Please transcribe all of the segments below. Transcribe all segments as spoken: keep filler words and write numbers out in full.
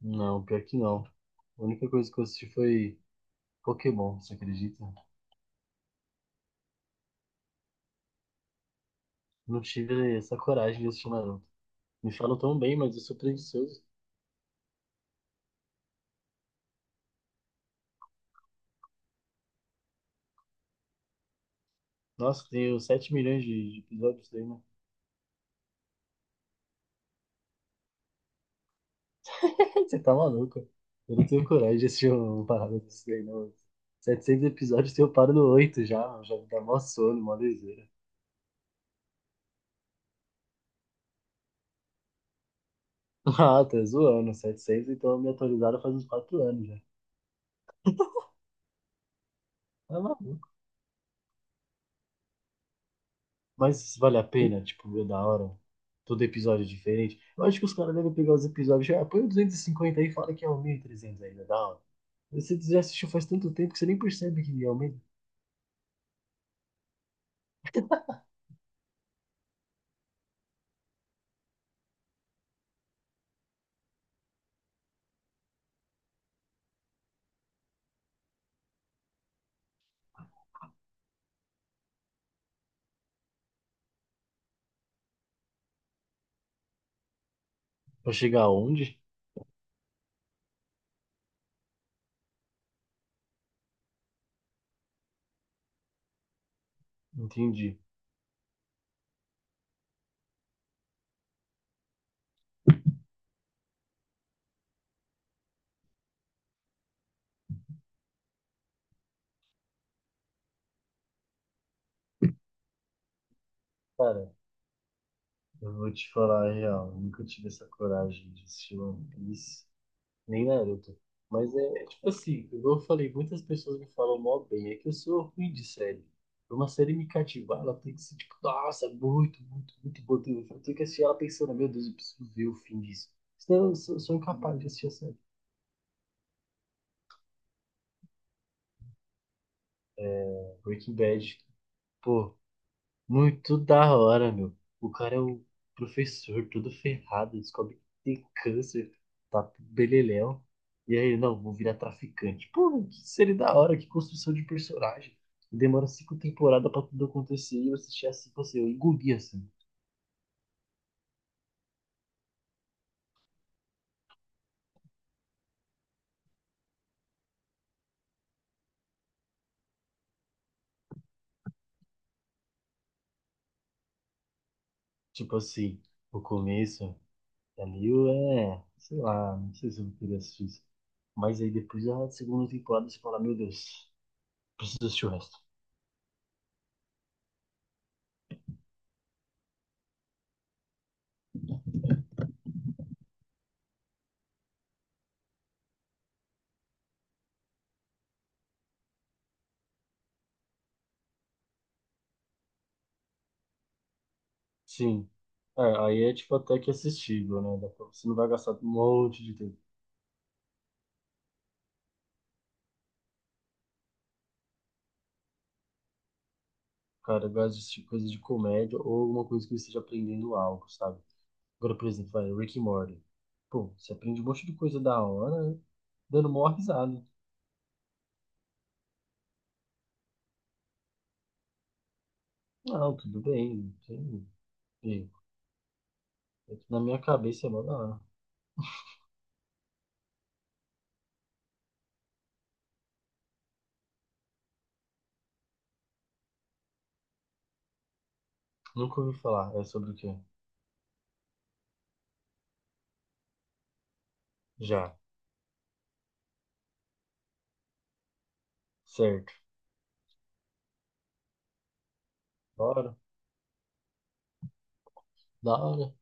Não, pior que não. A única coisa que eu assisti foi Pokémon, você acredita? Não tive essa coragem de assistir Naruto. Me falam tão bem, mas eu sou preguiçoso. Nossa, tenho sete milhões de, de episódios daí, né? Você tá maluco? Eu não tenho coragem de assistir uma parada desse daí, não. setecentos episódios, eu paro no oito já, já me dá mó sono, mó liseira. Ah, tá zoando, setecentos, então me atualizaram faz uns quatro anos já. Tá maluco? Mas vale a pena, tipo, é da hora. Todo episódio é diferente. Eu acho que os caras devem pegar os episódios. Já, "Ah, põe o duzentos e cinquenta aí e fala que é o mil e trezentos ainda", da hora. Você já assistiu faz tanto tempo que você nem percebe que aumenta. Pra chegar aonde? Entendi. Cara, eu vou te falar a real. Eu nunca tive essa coragem de assistir One Piece, nem Naruto. Mas é, é tipo assim, como eu falei, muitas pessoas me falam mó bem, é que eu sou ruim de série. Pra uma série me cativar, ela tem que ser tipo, nossa, muito, muito, muito boa. Eu tenho que assistir ela pensando, meu Deus, eu preciso ver o fim disso. Senão eu sou, sou incapaz de assistir a série. Breaking Bad, pô, muito da hora, meu. O cara é o professor, todo ferrado, descobre que tem câncer, tá beleléu. E aí, não, vou virar traficante. Pô, que série da hora, que construção de personagem. Demora cinco temporadas pra tudo acontecer e eu assisti assim, assim, eu engoli assim. Tipo assim, o começo é meio é, sei lá, não sei se eu queria assistir isso. Mas aí depois da segunda temporada você fala, meu Deus, preciso assistir o resto. Sim. É, aí é tipo até que assistível, né? Dá pra- Você não vai gastar um monte de tempo. Cara, eu gosto de assistir coisa de comédia ou alguma coisa que eu esteja aprendendo algo, sabe? Agora, por exemplo, vai, Rick and Morty. Pô, você aprende um monte de coisa da hora, né? Dando mó risada. Não, tudo bem, tem erro. É que na minha cabeça é mó da hora. Nunca ouvi falar. É sobre o quê? Já. Certo. Da hora. Da hora.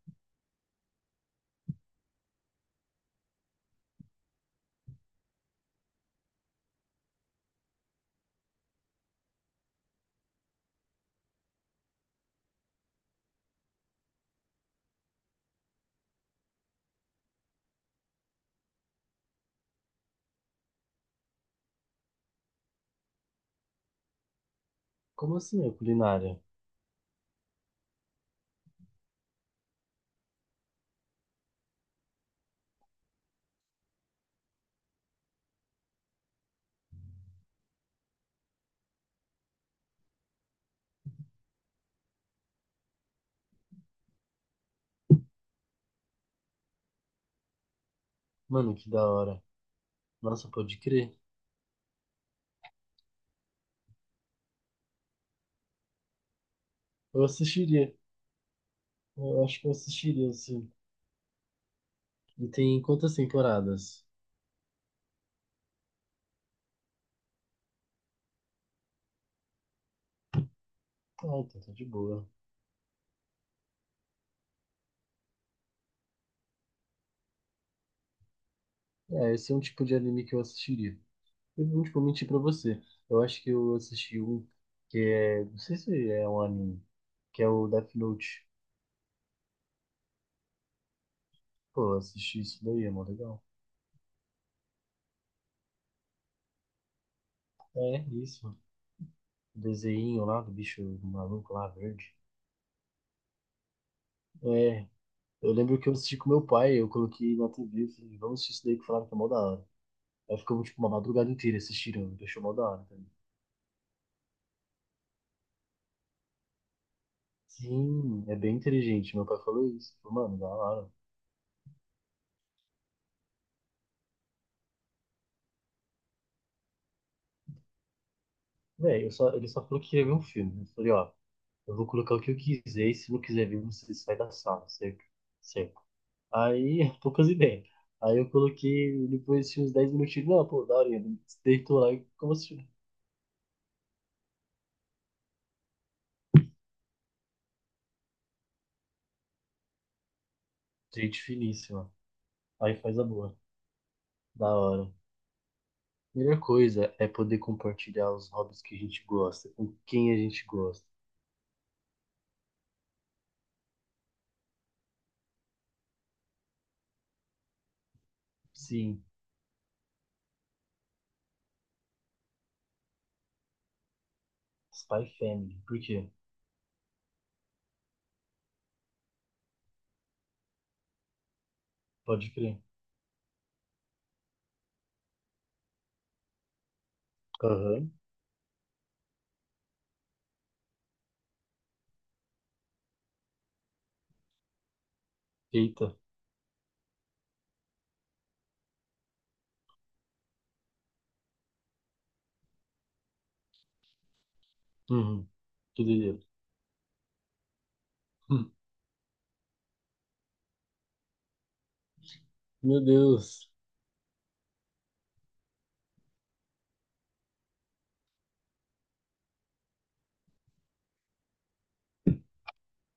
Como assim é culinária? Mano, que da hora. Nossa, pode crer. Eu assistiria. Eu acho que eu assistiria, assim. E tem quantas temporadas? Ah, então tá de boa. É, esse é um tipo de anime que eu assistiria. Eu não vou mentir pra você. Eu acho que eu assisti um que é. Não sei se é um anime, que é o Death Note. Pô, eu assisti isso daí, é mó legal. É, isso. O desenho lá do bicho maluco lá, verde. É, eu lembro que eu assisti com meu pai, eu coloquei na tê vê e falei, vamos assistir isso daí que falaram que é mó da hora. Aí ficamos, tipo, uma madrugada inteira assistindo, deixou mó da hora. Tá. Sim, é bem inteligente. Meu pai falou isso. Falou, mano, da hora. Véi, eu só, ele só falou que queria ver um filme. Eu falei, ó, eu vou colocar o que eu quiser e se não quiser ver, você sai da sala, certo? Certo. Aí, poucas ideias. Aí eu coloquei, depois de uns dez minutinhos, não, pô, da hora, ele deitou lá e como assim? Gente finíssima. Aí faz a boa. Da hora. Melhor coisa é poder compartilhar os hobbies que a gente gosta, com quem a gente gosta. Sim. Spy Family. Por quê? Pode crer. Aham. Eita. Uhum. Que doideira. Hum. Meu Deus.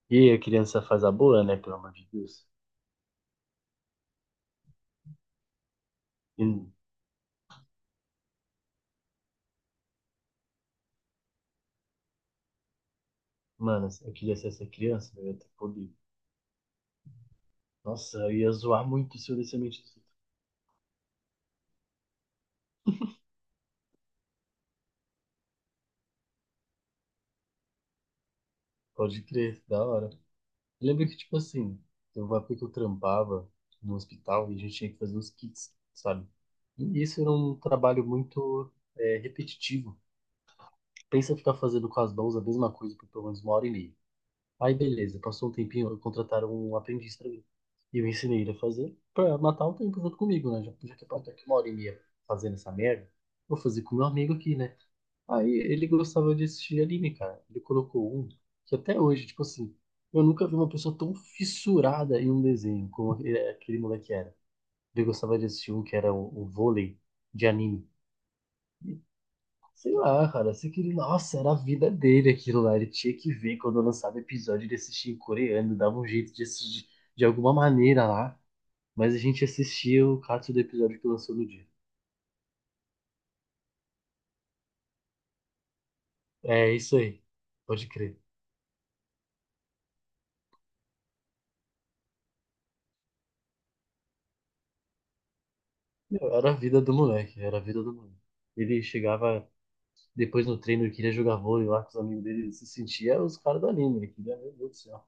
E aí, a criança faz a boa, né? Pelo amor de Deus. E, mano, eu queria ser essa criança, eu ia ter poder. Nossa, eu ia zoar muito se eu desse a mente do filho. Pode crer, da hora. Eu lembro que, tipo assim, eu uma época que eu trampava no hospital e a gente tinha que fazer os kits, sabe? E isso era um trabalho muito é, repetitivo. Pensa ficar fazendo com as mãos a mesma coisa por pelo menos uma hora e meia. Aí beleza, passou um tempinho, contrataram um aprendiz pra mim. E eu ensinei ele a fazer pra matar o tempo junto comigo, né? Já, já que eu tô aqui uma hora e meia fazendo essa merda, vou fazer com meu amigo aqui, né? Aí ele gostava de assistir anime, cara. Ele colocou um que até hoje, tipo assim, eu nunca vi uma pessoa tão fissurada em um desenho como aquele, aquele moleque era. Ele gostava de assistir um que era o, o vôlei de anime. Sei lá, cara, sei que ele, nossa, era a vida dele aquilo lá, ele tinha que ver quando lançava episódio de assistir em coreano, dava um jeito de assistir de alguma maneira lá, mas a gente assistia o cato do episódio que lançou no dia. É isso aí, pode crer. Meu, era a vida do moleque, era a vida do moleque. Ele chegava depois no treino, ele queria jogar vôlei lá com os amigos dele, ele se sentia os caras do anime, ele queria, meu Deus do céu.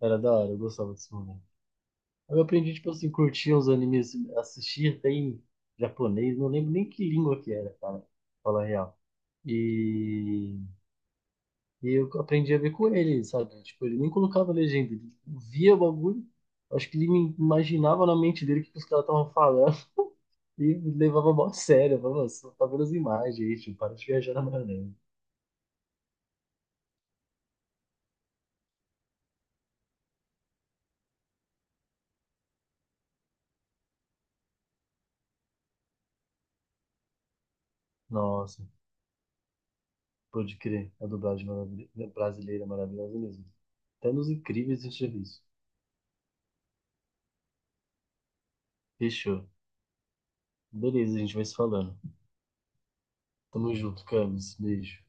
Era da hora, eu gostava desse moleque. Eu aprendi, tipo assim, curtir os animes, assistir até em japonês, não lembro nem que língua que era, cara, pra falar a real. E, e eu aprendi a ver com ele, sabe? Tipo, ele nem colocava legenda, ele via o bagulho, acho que ele me imaginava na mente dele o que que os caras estavam falando e me levava mó a sério. Eu falava, "Nossa, tá vendo as imagens aí, tipo, para de viajar na maionese." Nossa, pode crer, a dublagem maravil- brasileira é maravilhosa mesmo. Até nos incríveis a gente já viu isso. Fechou. Beleza, a gente vai se falando. Tamo junto, Camis. Beijo.